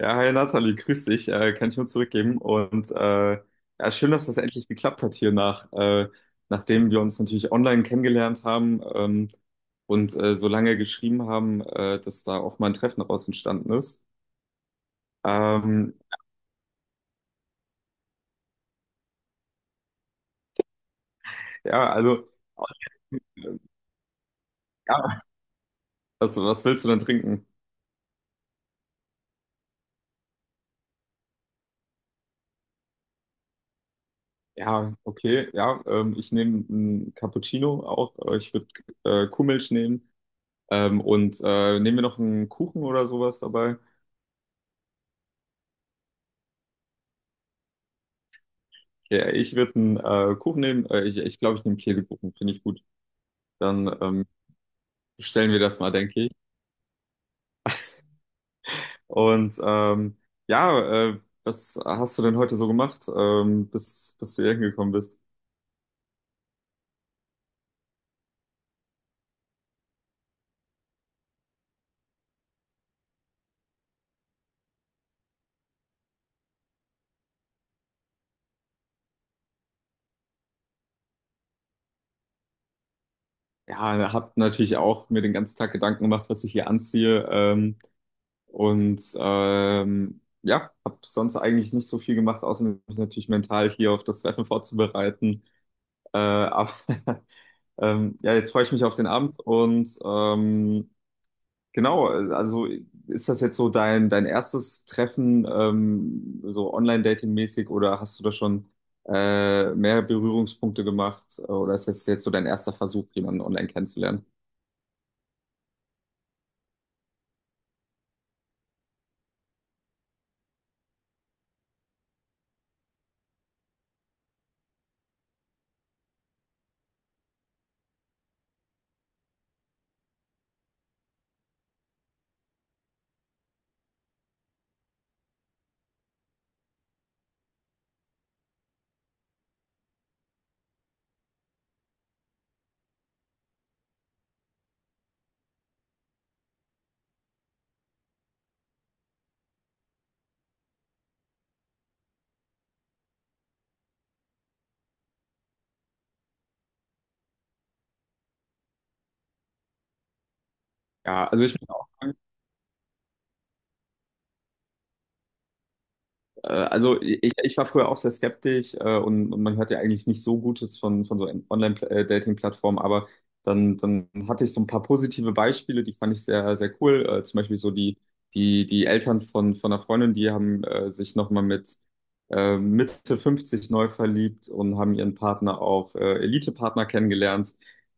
Ja, hi Nathalie, grüß dich. Kann ich nur zurückgeben. Ja, schön, dass das endlich geklappt hat nachdem wir uns natürlich online kennengelernt haben, so lange geschrieben haben, dass da auch mal ein Treffen daraus entstanden ist. Ähm, ja, also, ja, also, was willst du denn trinken? Ja, okay, ja, ich nehme einen Cappuccino auch. Ich würde Kuhmilch nehmen. Nehmen wir noch einen Kuchen oder sowas dabei? Ja, ich würde einen Kuchen nehmen. Ich glaube, ich nehme Käsekuchen, finde ich gut. Dann Bestellen wir das mal, denke ich. Und ähm, ja, Was hast du denn heute so gemacht, bis du hier hingekommen bist? Ja, hab natürlich auch mir den ganzen Tag Gedanken gemacht, was ich hier anziehe. Ja, hab sonst eigentlich nicht so viel gemacht, außer mich natürlich mental hier auf das Treffen vorzubereiten. Aber ja, jetzt freue ich mich auf den Abend genau. Also ist das jetzt so dein erstes Treffen, so Online-Dating-mäßig, oder hast du da schon mehr Berührungspunkte gemacht? Oder ist das jetzt so dein erster Versuch, jemanden online kennenzulernen? Ja, also ich bin auch. Also ich war früher auch sehr skeptisch, und man hört ja eigentlich nicht so Gutes von so Online-Dating-Plattformen, aber dann hatte ich so ein paar positive Beispiele, die fand ich sehr cool. Zum Beispiel so die Eltern von einer Freundin, die haben sich nochmal mit Mitte 50 neu verliebt und haben ihren Partner auf Elite-Partner kennengelernt.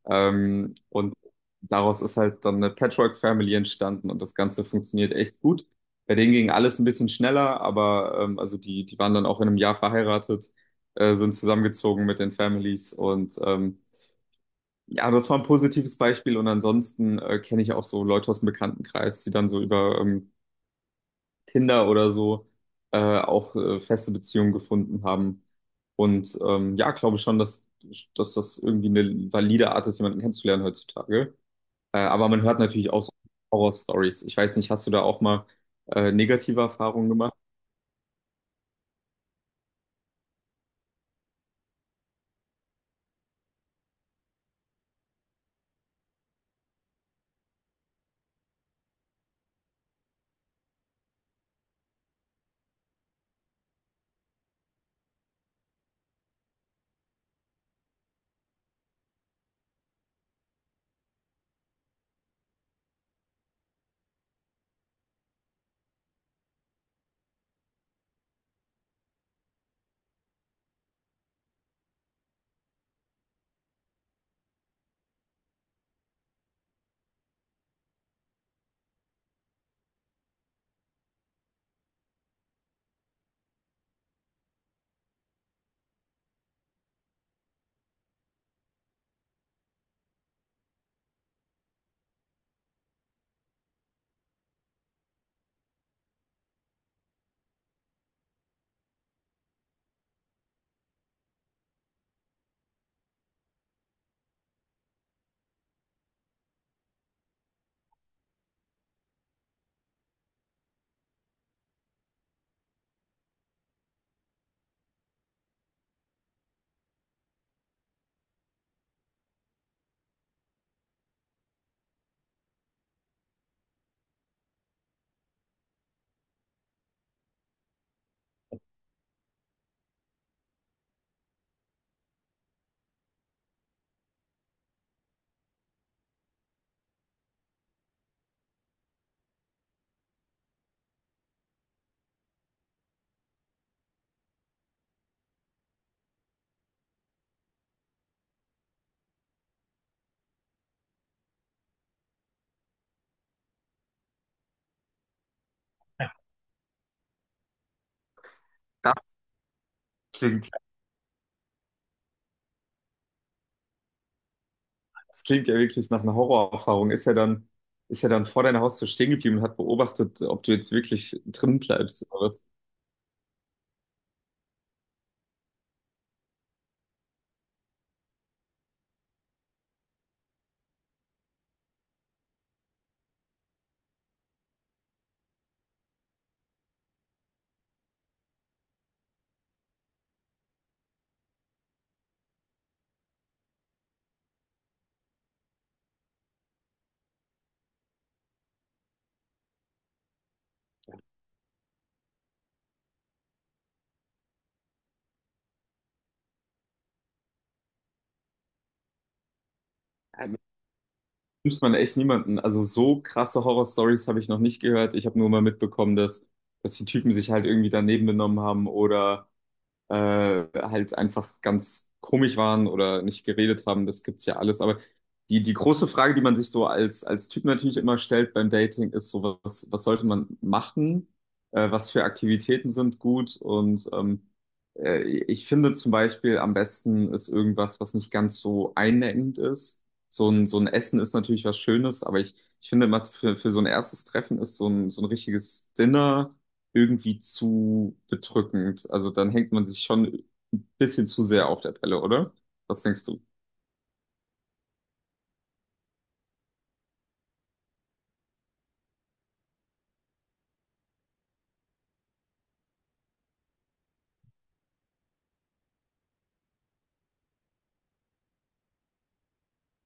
Ähm, und Daraus ist halt dann eine Patchwork-Family entstanden und das Ganze funktioniert echt gut. Bei denen ging alles ein bisschen schneller, aber also die waren dann auch in einem Jahr verheiratet, sind zusammengezogen mit den Families, ja, das war ein positives Beispiel. Und ansonsten kenne ich auch so Leute aus dem Bekanntenkreis, die dann so über Tinder oder so auch feste Beziehungen gefunden haben. Ja, glaube schon, dass das irgendwie eine valide Art ist, jemanden kennenzulernen heutzutage. Aber man hört natürlich auch so Horror-Stories. Ich weiß nicht, hast du da auch mal negative Erfahrungen gemacht? Klingt, Das klingt ja wirklich nach einer Horrorerfahrung. Ist er dann vor deiner Haustür stehen geblieben und hat beobachtet, ob du jetzt wirklich drin bleibst oder was? Ähm, Nimmt man echt niemanden. Also so krasse Horrorstories habe ich noch nicht gehört. Ich habe nur mal mitbekommen, dass die Typen sich halt irgendwie daneben benommen haben oder halt einfach ganz komisch waren oder nicht geredet haben. Das gibt's ja alles. Aber die große Frage, die man sich so als Typ natürlich immer stellt beim Dating, ist so, was sollte man machen? Was für Aktivitäten sind gut? Ich finde zum Beispiel am besten ist irgendwas, was nicht ganz so einengend ist. So ein Essen ist natürlich was Schönes, aber ich finde immer für so ein erstes Treffen ist so ein richtiges Dinner irgendwie zu bedrückend. Also dann hängt man sich schon ein bisschen zu sehr auf der Pelle, oder? Was denkst du?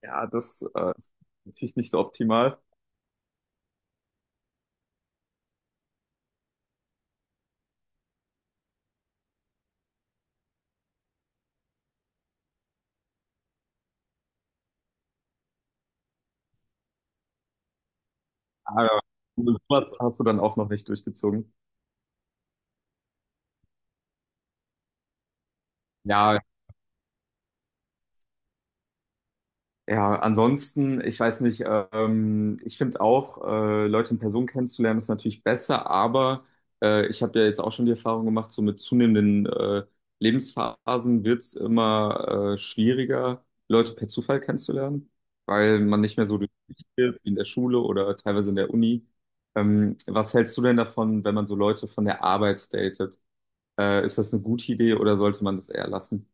Ja, das ist natürlich nicht so optimal. Aber sowas hast du dann auch noch nicht durchgezogen. Ja. Ja, ansonsten, ich weiß nicht, ich finde auch, Leute in Person kennenzulernen ist natürlich besser, aber ich habe ja jetzt auch schon die Erfahrung gemacht, so mit zunehmenden Lebensphasen wird es immer schwieriger, Leute per Zufall kennenzulernen, weil man nicht mehr so durchsichtig wird wie in der Schule oder teilweise in der Uni. Was hältst du denn davon, wenn man so Leute von der Arbeit datet? Ist das eine gute Idee oder sollte man das eher lassen?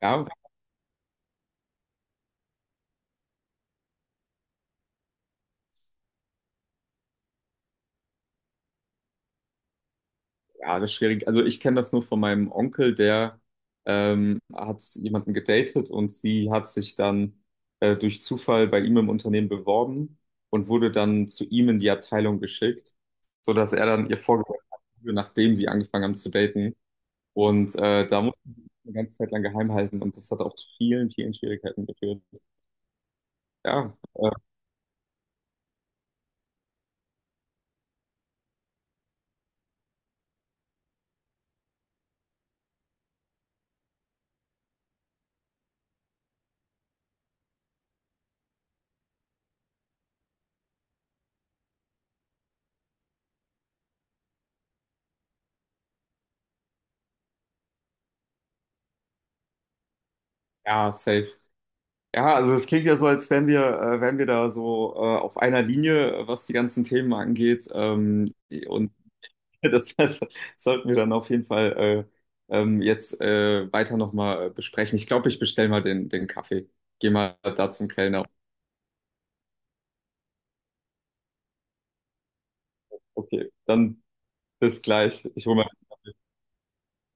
Ja. Ja, das ist schwierig. Also ich kenne das nur von meinem Onkel, der hat jemanden gedatet und sie hat sich dann durch Zufall bei ihm im Unternehmen beworben und wurde dann zu ihm in die Abteilung geschickt, sodass er dann ihr vorgeworfen hat, nachdem sie angefangen haben zu daten. Da musste sie eine ganze Zeit lang geheim halten und das hat auch zu vielen Schwierigkeiten geführt. Ja, äh, ja, safe. Ja, also es klingt ja so, als wären wir da so auf einer Linie, was die ganzen Themen angeht. Und das sollten wir dann auf jeden Fall jetzt weiter nochmal besprechen. Ich glaube, ich bestelle mal den Kaffee. Geh mal da zum Kellner. Okay, dann bis gleich. Ich hole